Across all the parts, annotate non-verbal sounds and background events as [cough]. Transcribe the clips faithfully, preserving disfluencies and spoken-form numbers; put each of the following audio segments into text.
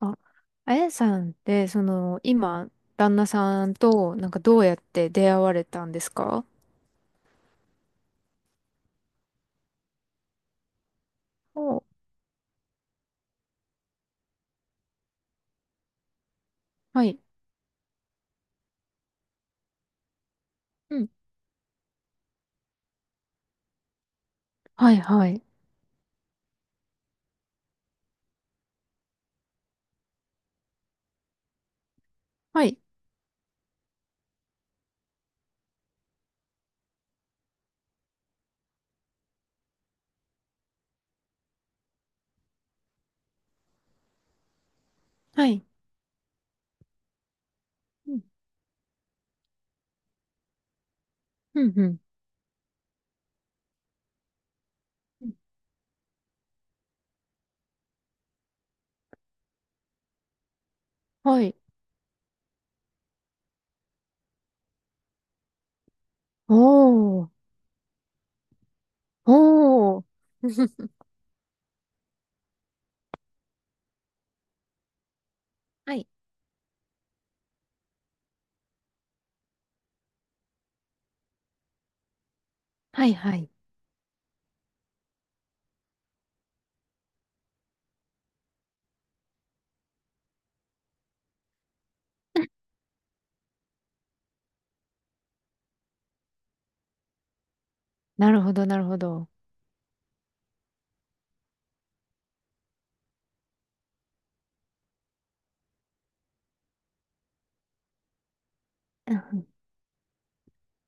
あ、あやさんって、その、今、旦那さんと、なんかどうやって出会われたんですか？お、はい。うん。はい、はい。はい、はい。うん、うん、うん。うん、はい。おー、おー。[laughs] はい、はい、はい。なるほど、なるほど。うん、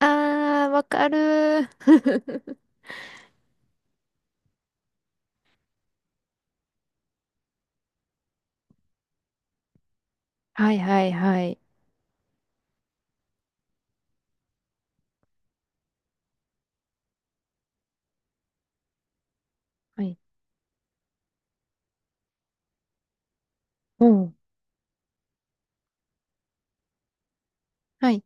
あー、わかるー。[laughs] はい、はい、はい。はい。おー、はい。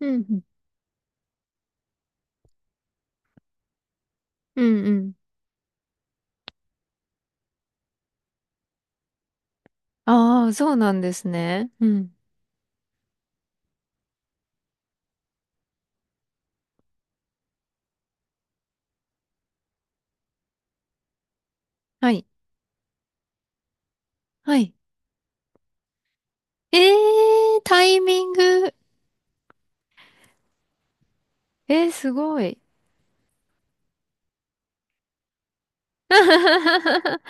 うん、うん、うん、うん。あー、そうなんですね。うん。はい、はい。えー、タイミング。えー、すごい。[laughs]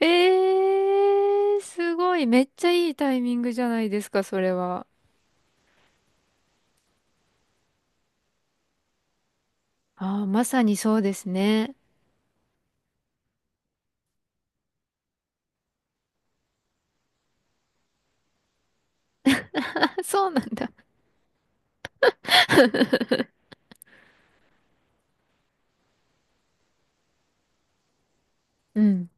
えー、すごい。めっちゃいいタイミングじゃないですか、それは。ああ、まさにそうですね。[laughs] そうなんだ。うん。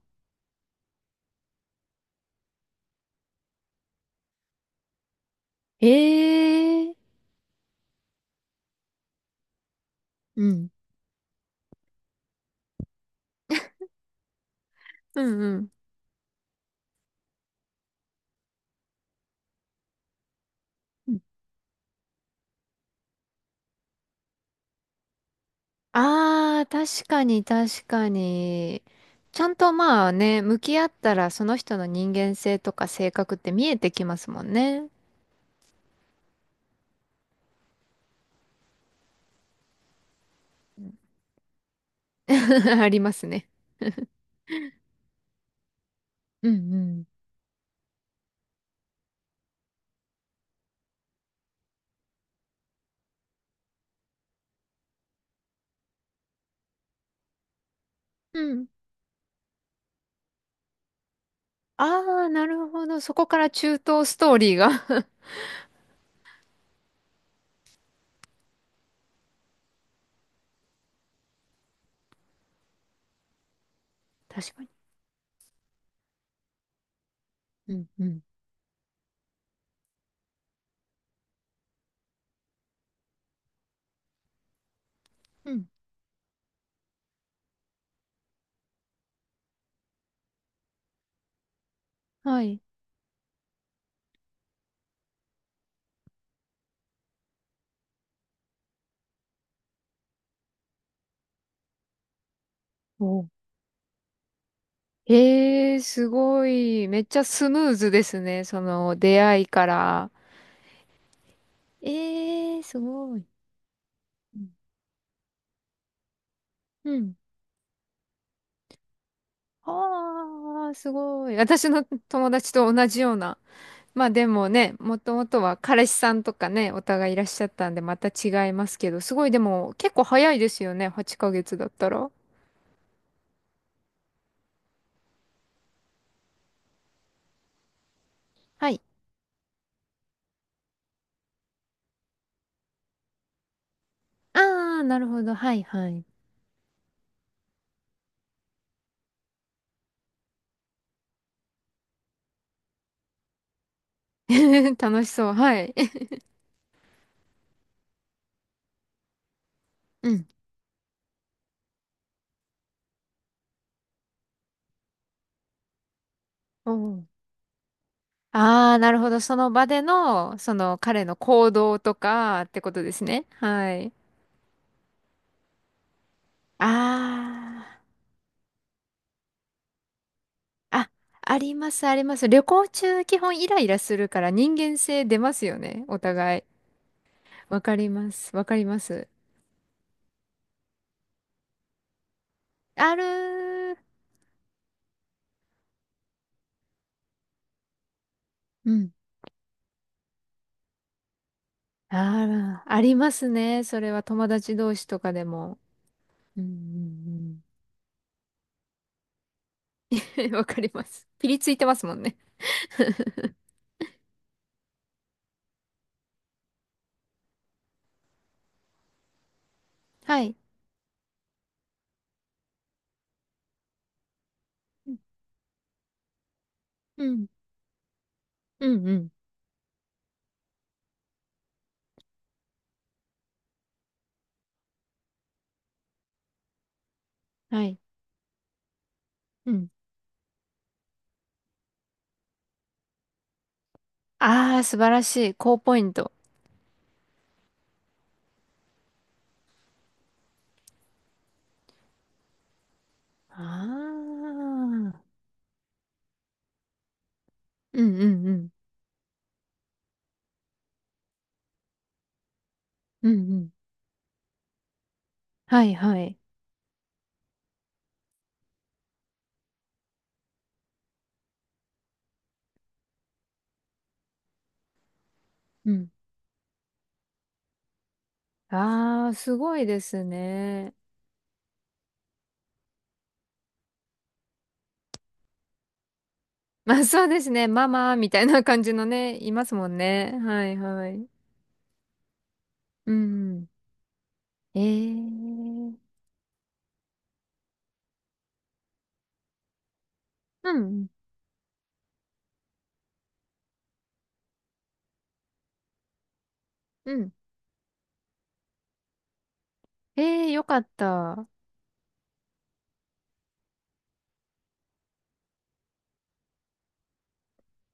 えー、うん。うんうん。ああ、確かに確かに。ちゃんとまあね、向き合ったらその人の人間性とか性格って見えてきますもんね。うん。 [laughs] ありますね。うんうん。うん、ああ、なるほど。そこから中東ストーリーが [laughs] 確かに。うん、うん。うん。はい。おう。ええー、すごい。めっちゃスムーズですね。その出会いから。ええー、すごい。うん。うん、ああ、すごい。私の友達と同じような。まあでもね、もともとは彼氏さんとかね、お互いいらっしゃったんで、また違いますけど、すごいでも結構早いですよね。はちかげつだったら。はい。ああ、なるほど。はいはい。[laughs] 楽しそう。はい。[laughs] うん。おう、ああ、なるほど。その場での、その彼の行動とかってことですね。はい。ああ、あ、あります、あります。旅行中、基本イライラするから人間性出ますよね。お互い。わかります。わかります。あるー。うん。あら、ありますね。それは友達同士とかでも。うん、うん、うん。[laughs] わかります。ピリついてますもんね。はい。うん、うん、うん。はい、うん。ああ、素晴らしい。高ポイント。ああ。うんうんうん。うんうん。はいはい。うん。ああ、すごいですね。まあそうですね。ママみたいな感じのね、いますもんね。はいはい。うん。ええー。うんうん。ええー、よかった。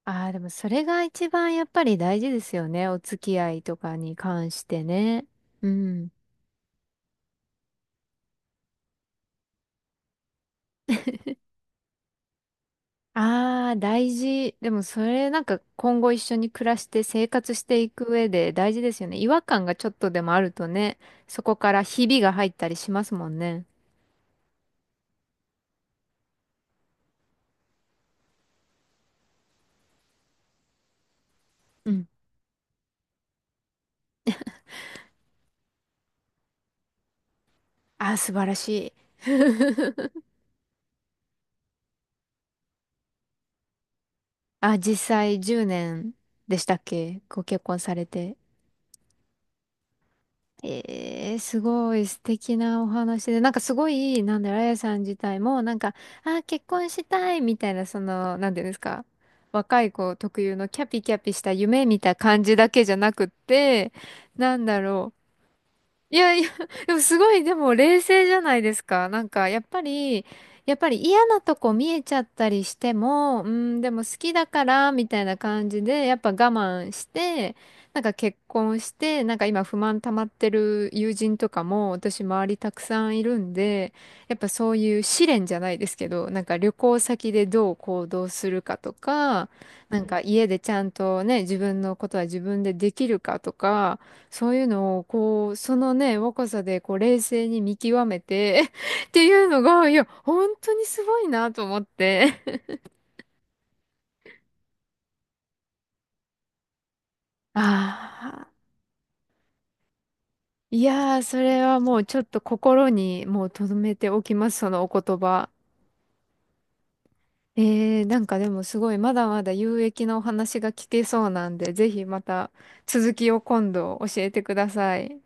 ああ、でもそれが一番やっぱり大事ですよね。お付き合いとかに関してね。うん。ああ、大事。でもそれなんか今後一緒に暮らして生活していく上で大事ですよね。違和感がちょっとでもあるとね、そこからひびが入ったりしますもんね。うん。ああ、素晴らしい。[laughs] あ、実際じゅうねんでしたっけご結婚されて。えー、すごい素敵なお話で、なんかすごい、なんだろう、あやさん自体も、なんか、あー、結婚したいみたいな、その、なんていうんですか、若い子特有のキャピキャピした夢みたいな感じだけじゃなくって、なんだろう、いやいや、[laughs] でもすごい、でも冷静じゃないですか。なんか、やっぱり、やっぱり嫌なとこ見えちゃったりしても、うん、でも好きだから、みたいな感じで、やっぱ我慢して、なんか結婚して、なんか今不満溜まってる友人とかも、私周りたくさんいるんで、やっぱそういう試練じゃないですけど、なんか旅行先でどう行動するかとか、なんか家でちゃんとね、自分のことは自分でできるかとか、そういうのを、こう、そのね、若さで、こう、冷静に見極めて [laughs] っていうのが、いや、本当にすごいなと思って。ああ、いやー、それはもうちょっと心にもう留めておきます、そのお言葉。えー、なんかでもすごい、まだまだ有益なお話が聞けそうなんで、ぜひまた続きを今度教えてください。